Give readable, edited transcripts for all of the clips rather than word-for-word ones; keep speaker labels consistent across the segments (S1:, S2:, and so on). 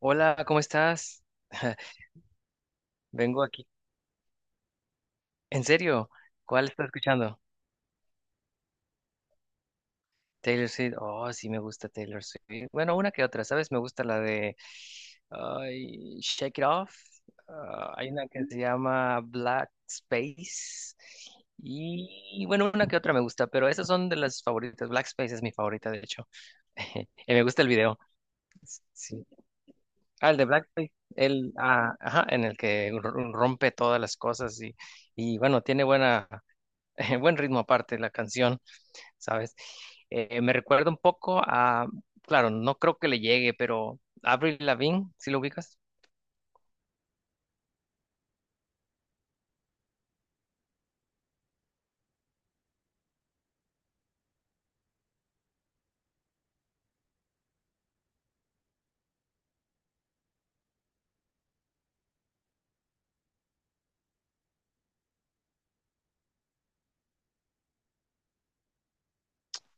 S1: Hola, ¿cómo estás? Vengo aquí. ¿En serio? ¿Cuál estás escuchando? Taylor Swift. Oh, sí me gusta Taylor Swift. Bueno, una que otra, ¿sabes? Me gusta la de ay, Shake It Off. Ah, hay una que se llama Black Space. Y bueno, una que otra me gusta, pero esas son de las favoritas. Black Space es mi favorita, de hecho. Y me gusta el video. Sí. Ah, el de Black Space. Ajá, en el que rompe todas las cosas y bueno, tiene buena. buen ritmo aparte la canción, ¿sabes? Me recuerda un poco a, claro, no creo que le llegue, pero Avril Lavigne, ¿sí lo ubicas?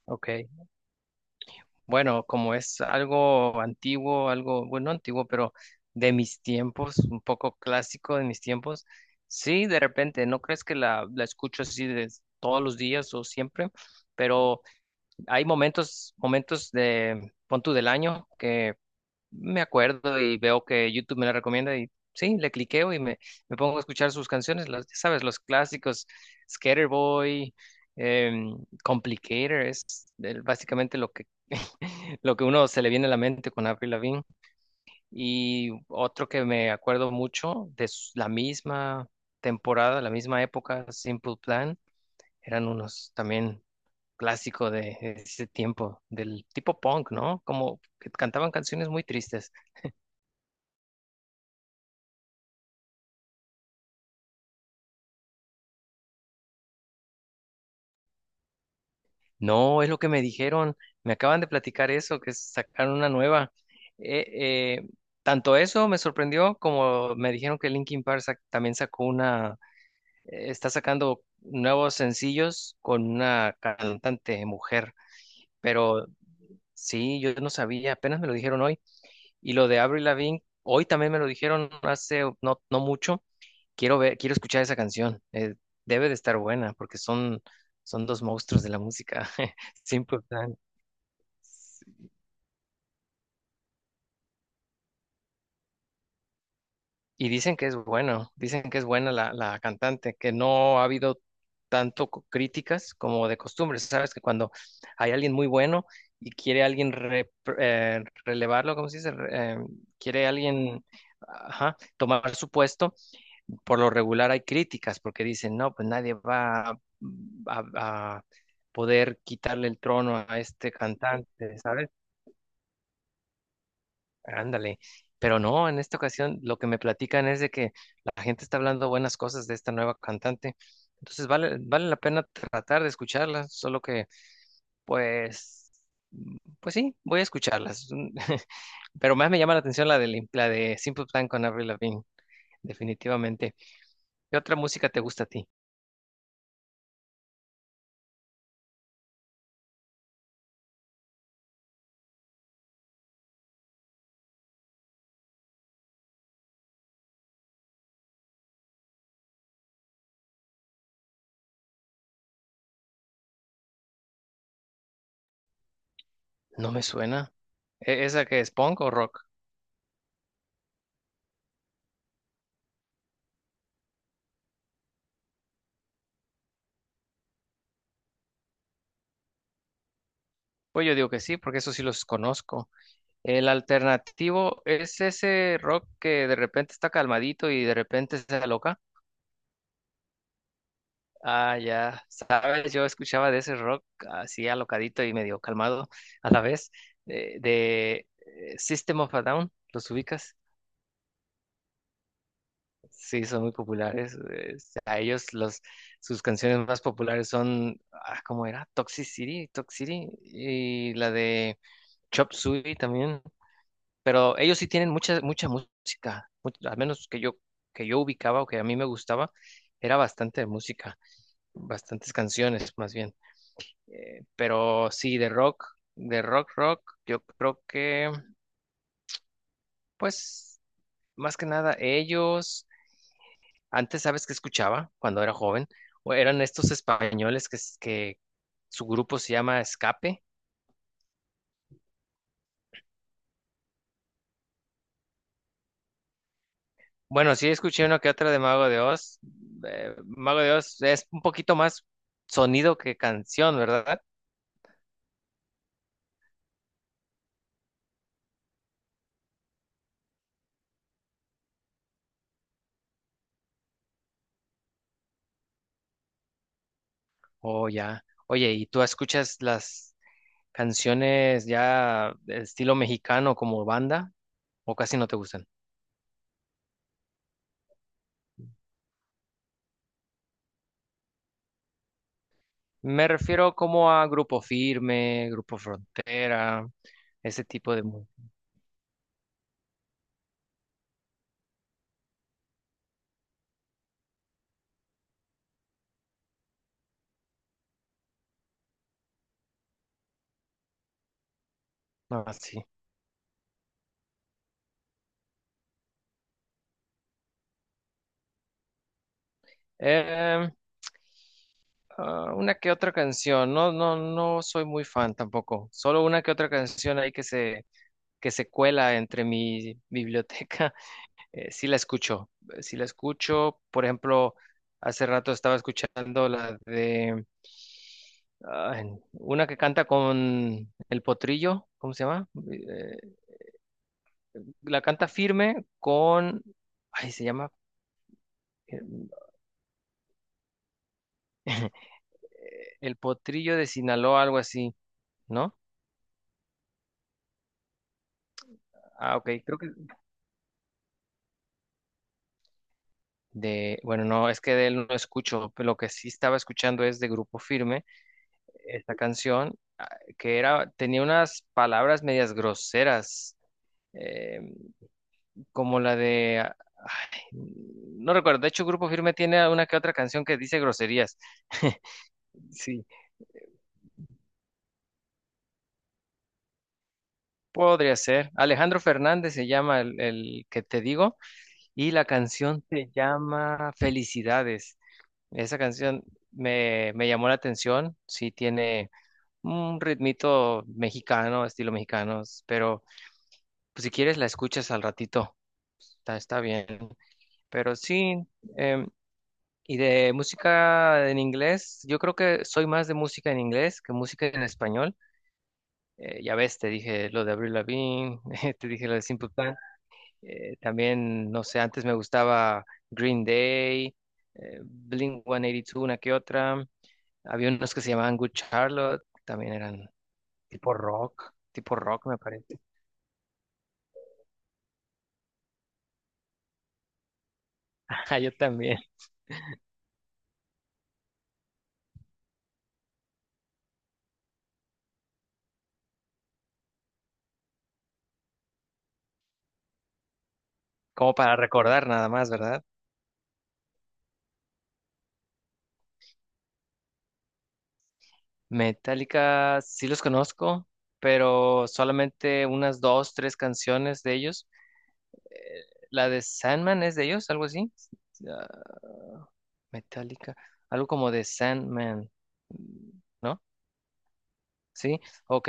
S1: Ok, bueno, como es algo antiguo, algo, bueno, no antiguo, pero de mis tiempos, un poco clásico de mis tiempos, sí, de repente, no crees que la escucho así de todos los días o siempre, pero hay momentos, momentos de, pon tú del año que me acuerdo y veo que YouTube me la recomienda y sí, le cliqueo y me pongo a escuchar sus canciones, las, ya sabes, los clásicos, Skaterboy, em, Complicator, básicamente lo que, lo que uno se le viene a la mente con Avril Lavigne. Y otro que me acuerdo mucho de la misma temporada, la misma época, Simple Plan, eran unos también clásico de ese tiempo, del tipo punk, ¿no? Como que cantaban canciones muy tristes. No, es lo que me dijeron. Me acaban de platicar eso, que sacaron una nueva. Eh, eh, tanto eso me sorprendió como me dijeron que Linkin Park también sacó una, está sacando nuevos sencillos con una cantante mujer. Pero sí, yo no sabía, apenas me lo dijeron hoy. Y lo de Avril Lavigne, hoy también me lo dijeron hace no, no mucho. Quiero ver, quiero escuchar esa canción. Debe de estar buena porque son dos monstruos de la música. Simple Plan. Y dicen que es bueno, dicen que es buena la cantante, que no ha habido tanto críticas como de costumbre. Sabes que cuando hay alguien muy bueno y quiere alguien relevarlo, ¿cómo se dice? Quiere alguien ajá, tomar su puesto, por lo regular hay críticas porque dicen, no, pues nadie va a- a poder quitarle el trono a este cantante, ¿sabes? Ándale, pero no, en esta ocasión lo que me platican es de que la gente está hablando buenas cosas de esta nueva cantante, entonces vale la pena tratar de escucharla, solo que pues, pues sí, voy a escucharlas, pero más me llama la atención la de Simple Plan con Avril Lavigne, definitivamente. ¿Qué otra música te gusta a ti? No me suena. ¿Esa que es punk o rock? Pues yo digo que sí, porque eso sí los conozco. El alternativo es ese rock que de repente está calmadito y de repente se aloca. Ah, ya sabes, yo escuchaba de ese rock así alocadito y medio calmado a la vez. System of a Down, ¿los ubicas? Sí, son muy populares. A ellos los, sus canciones más populares son, ¿cómo era? Toxic City, Toxic City y la de Chop Suey también. Pero ellos sí tienen mucha, mucha música, al menos que yo ubicaba o que a mí me gustaba, era bastante música, bastantes canciones más bien. Pero sí, de rock, rock, yo creo que, pues, más que nada ellos, antes, ¿sabes qué escuchaba cuando era joven? O eran estos españoles que su grupo se llama Escape. Bueno, sí escuché uno que otro de Mago de Oz. Mago de Oz es un poquito más sonido que canción, ¿verdad? Oh, ya. Oye, ¿y tú escuchas las canciones ya de estilo mexicano como banda o casi no te gustan? Me refiero como a Grupo Firme, Grupo Frontera, ese tipo de música. Así. Em, una que otra canción. No, no, no soy muy fan tampoco. Solo una que otra canción ahí que se cuela entre mi biblioteca, sí la escucho, sí la escucho. Por ejemplo, hace rato estaba escuchando la de ah, una que canta con el potrillo, ¿cómo se llama? La canta firme con, ay, se llama eh, el potrillo de Sinaloa, algo así, ¿no? Ah, ok, creo que de, bueno, no, es que de él no escucho, pero lo que sí estaba escuchando es de Grupo Firme esta canción que era, tenía unas palabras medias groseras, eh, como la de, ay, no recuerdo. De hecho, Grupo Firme tiene una que otra canción que dice groserías. Sí, podría ser. Alejandro Fernández se llama el que te digo y la canción se llama Felicidades. Esa canción me llamó la atención, sí tiene un ritmito mexicano, estilo mexicano, pero pues, si quieres la escuchas al ratito. Está bien. Pero sí, em, y de música en inglés, yo creo que soy más de música en inglés que música en español. Ya ves, te dije lo de Avril Lavigne, te dije lo de Simple Plan. También, no sé, antes me gustaba Green Day, Blink-182, una que otra. Había unos que se llamaban Good Charlotte, también eran tipo rock me parece. Ajá, yo también, como para recordar nada más, ¿verdad? Metallica sí los conozco, pero solamente unas dos, tres canciones de ellos. Eh, la de Sandman es de ellos, algo así. Ah, Metallica, algo como de Sandman, ¿no? Sí, ok.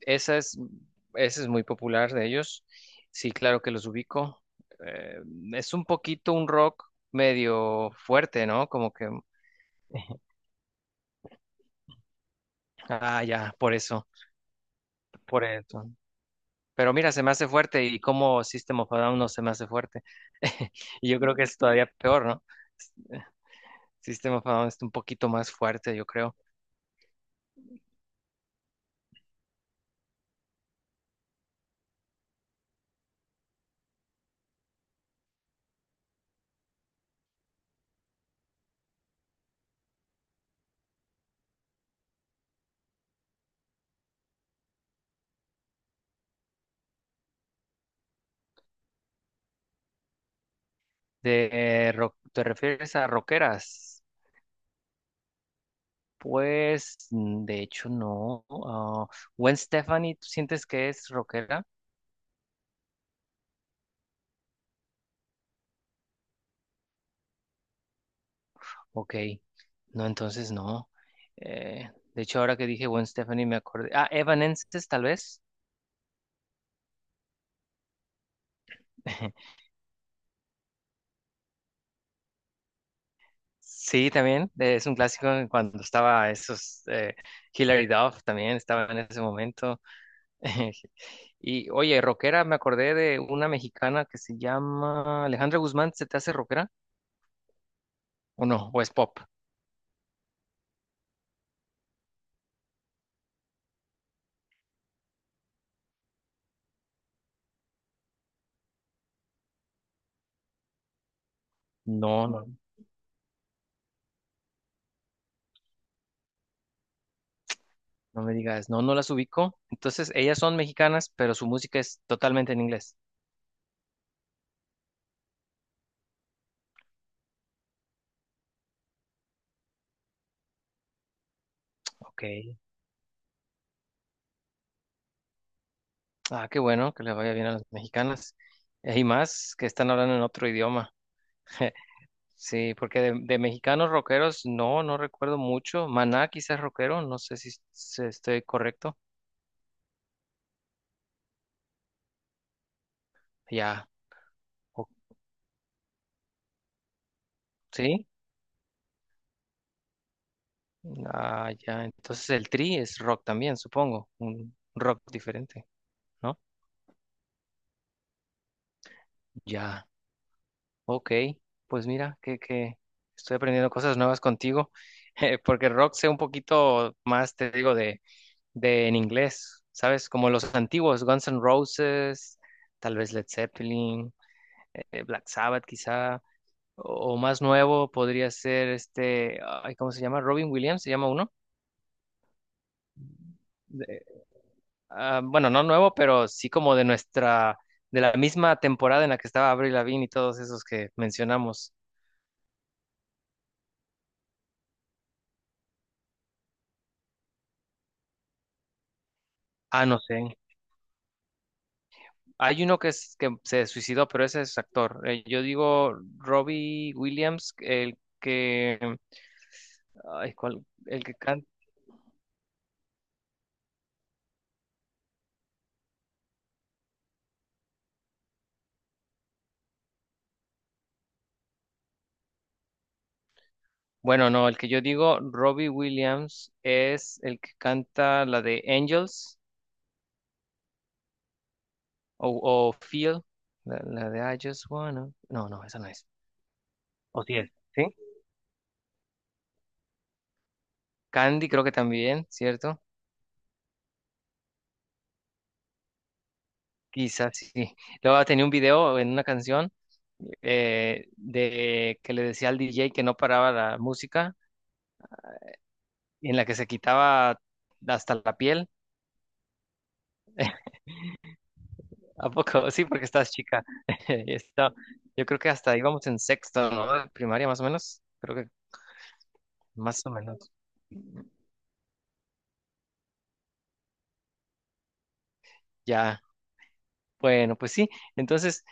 S1: Esa es, esa es muy popular de ellos. Sí, claro que los ubico. Eh, es un poquito un rock medio fuerte, ¿no? Como que, ya, por eso, por eso. Pero mira, se me hace fuerte y como System of a Down no se me hace fuerte. Y yo creo que es todavía peor, ¿no? System of a Down es un poquito más fuerte, yo creo. ¿Te refieres a rockeras? Pues, de hecho, no. Ah, Gwen Stefani, ¿tú sientes que es rockera? Ok, no, entonces no. De hecho, ahora que dije Gwen Stefani me acordé. Ah, Evanescence, tal vez. Sí, también es un clásico en cuando estaba esos Hilary Duff también estaba en ese momento. Y oye, rockera, me acordé de una mexicana que se llama Alejandra Guzmán, ¿se te hace rockera? ¿O no? ¿O es pop? No, no, no me digas, no, no las ubico. Entonces, ellas son mexicanas, pero su música es totalmente en inglés. Ok. Ah, qué bueno, que le vaya bien a las mexicanas. Y más que están hablando en otro idioma. Sí, porque de mexicanos rockeros no recuerdo mucho. Maná quizás rockero, no sé si estoy correcto. Ya, o- ¿sí? Ah, ya, entonces el Tri es rock también, supongo, un rock diferente, ¿no? Ya, ok, pues mira, que estoy aprendiendo cosas nuevas contigo, porque rock sé un poquito más, te digo, de en inglés, ¿sabes? Como los antiguos, Guns N' Roses, tal vez Led Zeppelin, Black Sabbath quizá. O más nuevo podría ser este, ay, ¿cómo se llama? Robin Williams, se llama uno. De- bueno, no nuevo, pero sí como de nuestra, de la misma temporada en la que estaba Avril Lavigne y todos esos que mencionamos. Ah, no sé. Hay uno que se suicidó, pero ese es actor. Yo digo Robbie Williams, el que, ay, ¿cuál? El que canta. Bueno, no, el que yo digo, Robbie Williams, es el que canta la de Angels. O, o Feel, la de I Just Wanna. No, no, esa no es. O sí es, ¿sí? Candy creo que también, ¿cierto? Quizás sí. Luego tenía un video en una canción de que le decía al DJ que no paraba la música, en la que se quitaba hasta la piel. ¿A poco? Sí, porque estás chica. Esto, yo creo que hasta íbamos en sexto, ¿no? Primaria más o menos. Creo que más o menos. Ya. Bueno, pues sí. Entonces,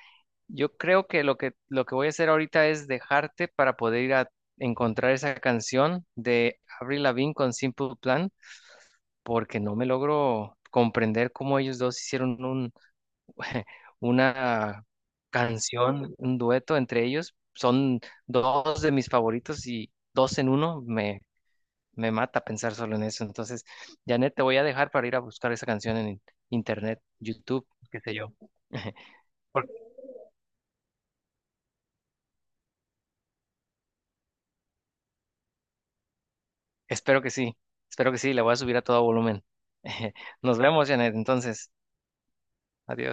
S1: yo creo que lo que voy a hacer ahorita es dejarte para poder ir a encontrar esa canción de Avril Lavigne con Simple Plan, porque no me logro comprender cómo ellos dos hicieron un una canción, un dueto entre ellos. Son dos de mis favoritos y dos en uno me mata pensar solo en eso. Entonces, Janet, te voy a dejar para ir a buscar esa canción en internet, YouTube, qué sé yo. Porque espero que sí, espero que sí, la voy a subir a todo volumen. Nos vemos, Janet, entonces, adiós.